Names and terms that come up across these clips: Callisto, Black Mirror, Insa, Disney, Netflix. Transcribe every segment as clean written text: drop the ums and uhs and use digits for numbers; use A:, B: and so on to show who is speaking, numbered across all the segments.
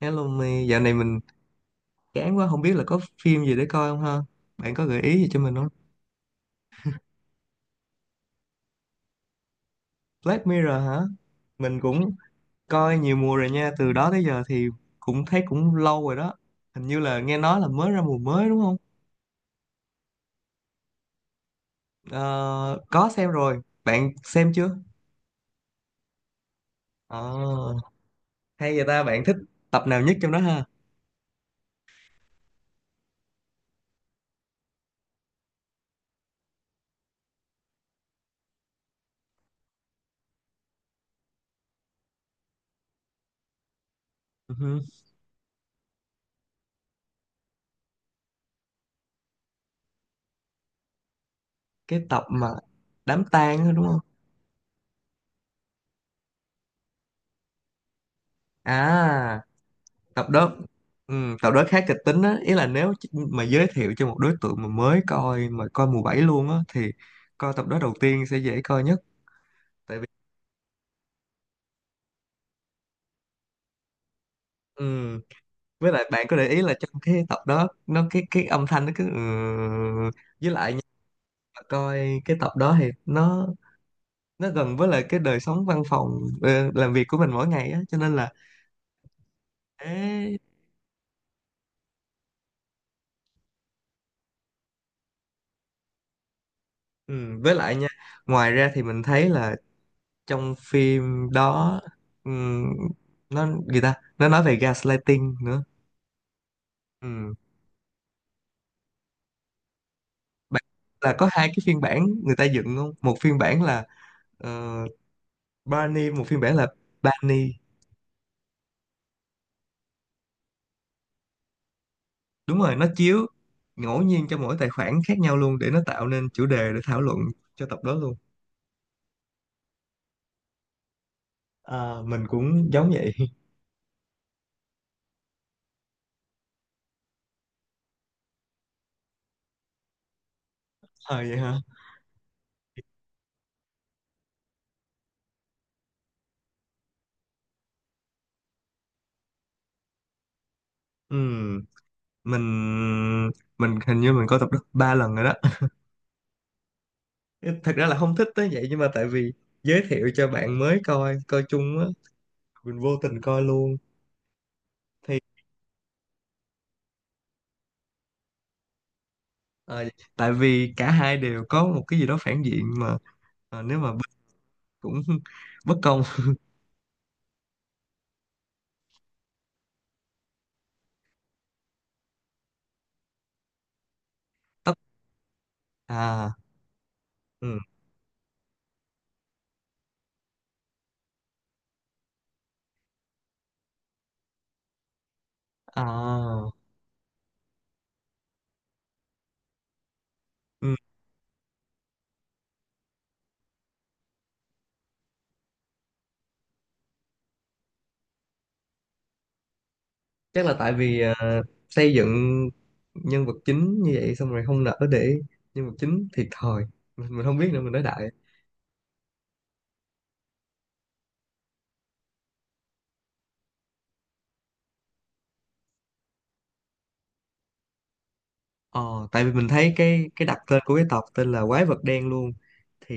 A: Hello Mi, dạo này mình chán quá không biết là có phim gì để coi không ha? Bạn có gợi ý gì cho mình không? Black Mirror hả? Mình cũng coi nhiều mùa rồi nha, từ đó tới giờ thì cũng thấy cũng lâu rồi đó. Hình như là nghe nói là mới ra mùa mới đúng không? Ờ, có xem rồi, bạn xem chưa? Ờ, hay vậy ta, bạn thích tập nào nhất trong đó ha? Ừ hừ. Cái tập mà đám tang đó đúng không? À, tập đó tập đó khá kịch tính á, ý là nếu mà giới thiệu cho một đối tượng mà mới coi mà coi mùa 7 luôn á thì coi tập đó đầu tiên sẽ dễ coi nhất. Tại vì ừm, với lại bạn có để ý là trong cái tập đó nó cái âm thanh nó cứ, với lại nha, mà coi cái tập đó thì nó gần với lại cái đời sống văn phòng, làm việc của mình mỗi ngày á, cho nên là ế, với lại nha. Ngoài ra thì mình thấy là trong phim đó, ừm, nó người ta nó nói về gaslighting nữa. Ừm, Bạn là có hai cái phiên bản người ta dựng không, một phiên bản là ờ, Barney, một phiên bản là Barney. Đúng rồi, nó chiếu ngẫu nhiên cho mỗi tài khoản khác nhau luôn để nó tạo nên chủ đề để thảo luận cho tập đó luôn. À, mình cũng giống vậy. À, vậy hả. Ừm, mình mình hình như mình coi tập đó 3 lần rồi đó. Thật ra là không thích tới vậy, nhưng mà tại vì giới thiệu cho bạn mới coi coi chung á, mình vô tình coi luôn. Thì, ờ, tại vì cả hai đều có một cái gì đó phản diện mà, nếu mà bên cũng bất công. tất À, ừ, à, ừ. Chắc là tại vì, xây dựng nhân vật chính như vậy xong rồi không nỡ để nhân vật chính thiệt thòi. Mình không biết nữa, mình nói đại. Ờ Tại vì mình thấy cái đặt tên của cái tộc tên là quái vật đen luôn, thì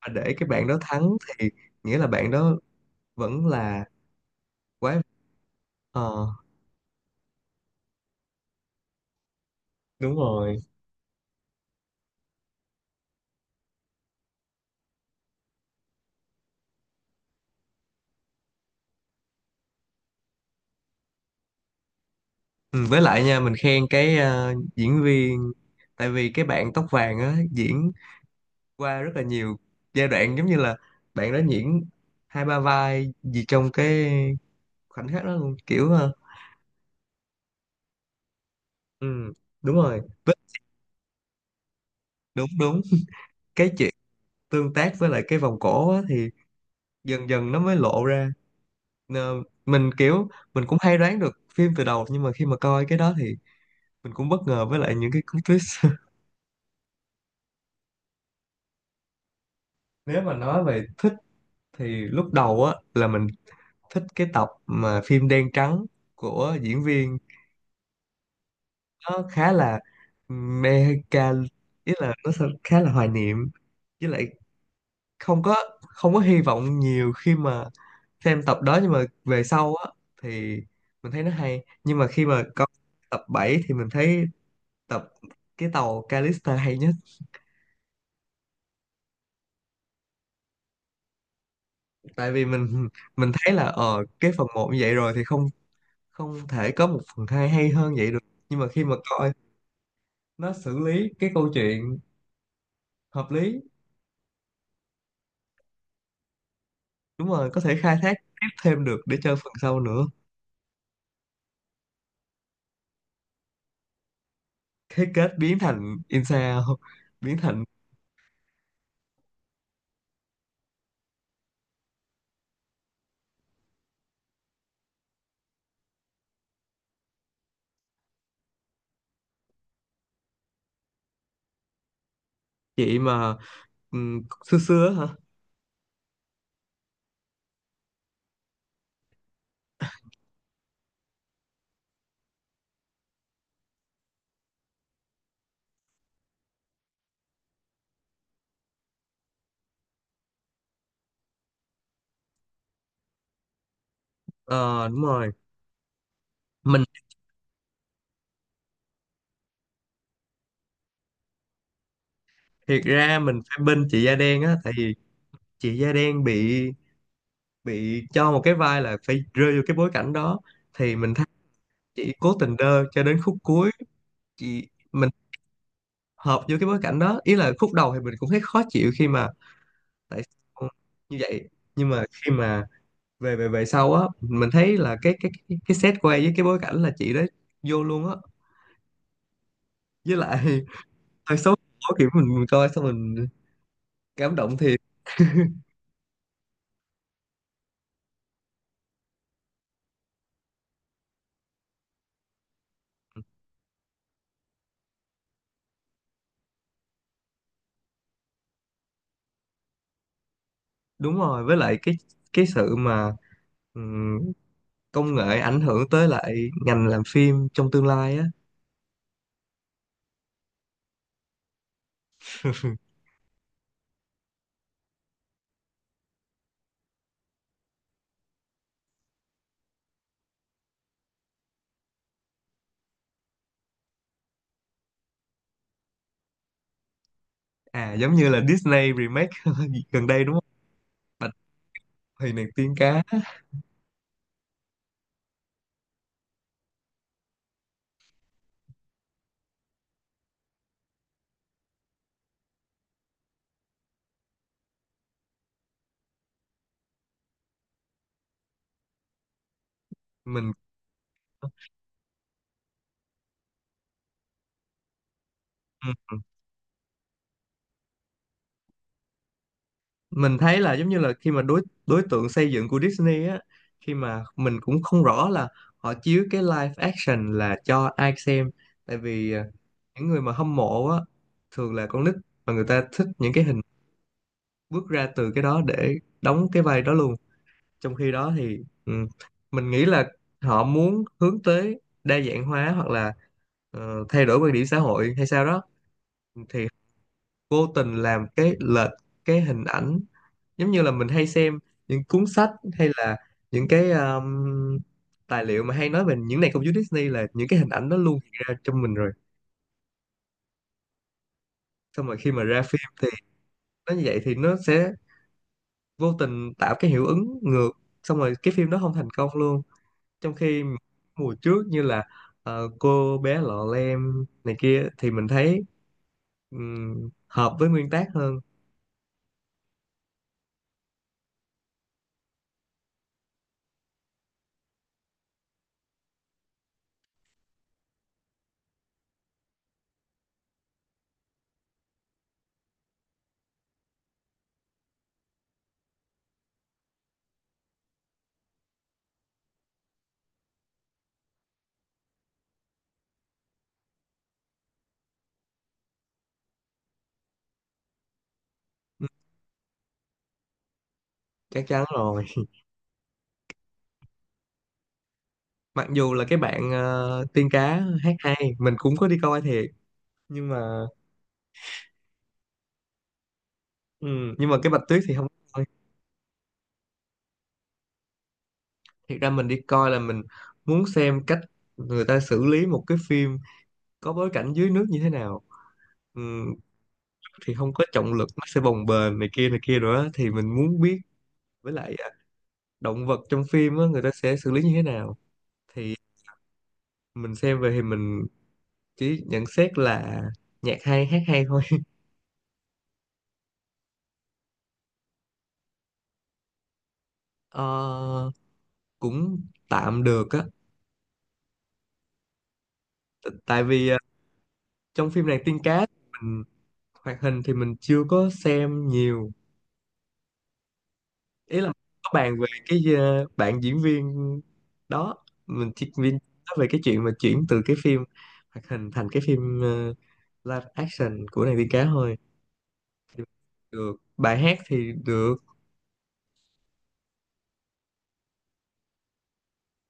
A: mà để cái bạn đó thắng thì nghĩa là bạn đó vẫn là quái. Ờ, đúng rồi. Ừ, với lại nha, mình khen cái, diễn viên. Tại vì cái bạn tóc vàng á, diễn qua rất là nhiều giai đoạn, giống như là bạn đó diễn hai ba vai gì trong cái khoảnh khắc đó luôn, kiểu ừ, đúng rồi. Đúng đúng, cái chuyện tương tác với lại cái vòng cổ á, thì dần dần nó mới lộ ra. Nờ, mình kiểu, mình cũng hay đoán được phim từ đầu, nhưng mà khi mà coi cái đó thì mình cũng bất ngờ với lại những cái cú twist. Nếu mà nói về thích thì lúc đầu á là mình thích cái tập mà phim đen trắng của diễn viên, nó khá là mecha, ý là nó sẽ khá là hoài niệm với lại không có không có hy vọng nhiều khi mà xem tập đó. Nhưng mà về sau á thì mình thấy nó hay. Nhưng mà khi mà coi tập 7 thì mình thấy tập cái tàu Callisto hay nhất. Tại vì mình thấy là, cái phần 1 như vậy rồi thì không không thể có một phần 2 hay hơn vậy được. Nhưng mà khi mà coi nó xử lý cái câu chuyện hợp lý, đúng rồi, có thể khai thác tiếp thêm được để chơi phần sau nữa. Thế kết biến thành Insa, biến thành chị mà, xưa xưa á hả. Ờ, đúng rồi. mình Thiệt ra mình phải bên chị da đen á, tại vì chị da đen bị cho một cái vai là phải rơi vô cái bối cảnh đó, thì mình thấy chị cố tình đơ cho đến khúc cuối. Chị mình hợp vô cái bối cảnh đó, ý là khúc đầu thì mình cũng thấy khó chịu khi mà tại sao như vậy. Nhưng mà khi mà về về về sau á, mình thấy là cái set quay với cái bối cảnh là chị đó vô luôn á. Với lại hơi xấu hổ, kiểu mình coi xong mình cảm động thiệt. Đúng rồi, với lại cái, sự mà, ừm, công nghệ ảnh hưởng tới lại ngành làm phim trong tương lai á. À giống như là Disney remake gần đây đúng không. Bạch Huyền, nàng tiên cá. mình mình thấy là, giống như là, khi mà đối đối tượng xây dựng của Disney á, khi mà mình cũng không rõ là họ chiếu cái live action là cho ai xem. Tại vì à, những người mà hâm mộ á, thường là con nít và người ta thích những cái hình bước ra từ cái đó để đóng cái vai đó luôn. Trong khi đó thì, ừ, mình nghĩ là họ muốn hướng tới đa dạng hóa hoặc là, thay đổi quan điểm xã hội hay sao đó, thì vô tình làm cái lệch cái hình ảnh. Giống như là mình hay xem những cuốn sách, hay là những cái, tài liệu mà hay nói về những nền công chúa Disney, là những cái hình ảnh đó luôn hiện ra trong mình rồi. Xong rồi khi mà ra phim thì nó như vậy thì nó sẽ vô tình tạo cái hiệu ứng ngược, xong rồi cái phim đó không thành công luôn. Trong khi mùa trước như là, cô bé lọ lem này kia thì mình thấy, hợp với nguyên tác hơn. Chắc chắn rồi. Mặc dù là cái bạn, tiên cá hát hay, mình cũng có đi coi thiệt, nhưng mà ừ, nhưng mà cái Bạch Tuyết thì không thôi. Thiệt ra mình đi coi là mình muốn xem cách người ta xử lý một cái phim có bối cảnh dưới nước như thế nào. Ừ, thì không có trọng lực, nó sẽ bồng bềnh này kia nữa thì mình muốn biết. Với lại à, động vật trong phim á, người ta sẽ xử lý như thế nào thì mình xem về thì chỉ nhận xét là nhạc hay, hát hay thôi. Ờ, cũng tạm được á. Tại vì à, trong phim này tiên cá mình hoạt hình thì mình chưa có xem nhiều, ý là có bàn về cái, bạn diễn viên đó, mình chỉ viên nói về cái chuyện mà chuyển từ cái phim hoạt hình thành cái phim, live action của nàng tiên cá thôi. Thì được, bài hát thì được.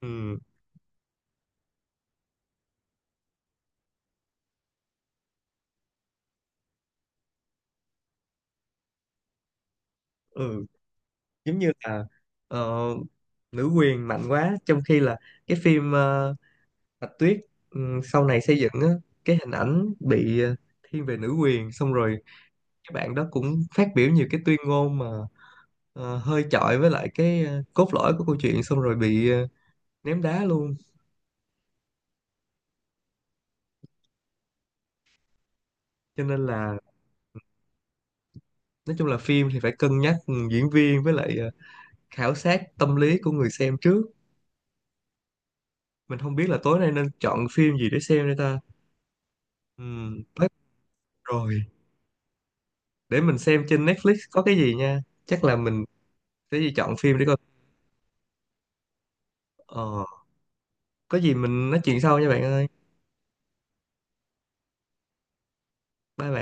A: Ừ, ừ. Giống như là, ờ, nữ quyền mạnh quá, trong khi là cái phim, Bạch Tuyết, ừ, sau này xây dựng á, cái hình ảnh bị, thiên về nữ quyền. Xong rồi cái bạn đó cũng phát biểu nhiều cái tuyên ngôn mà, hơi chọi với lại cái, cốt lõi của câu chuyện, xong rồi bị, ném đá luôn. Cho nên là nói chung là phim thì phải cân nhắc, ừ, diễn viên với lại, khảo sát tâm lý của người xem trước. Mình không biết là tối nay nên chọn phim gì để xem đây ta. Black rồi, để mình xem trên Netflix có cái gì nha. Chắc là mình sẽ đi chọn phim để coi. ờ, có gì mình nói chuyện sau nha bạn ơi, bye bạn.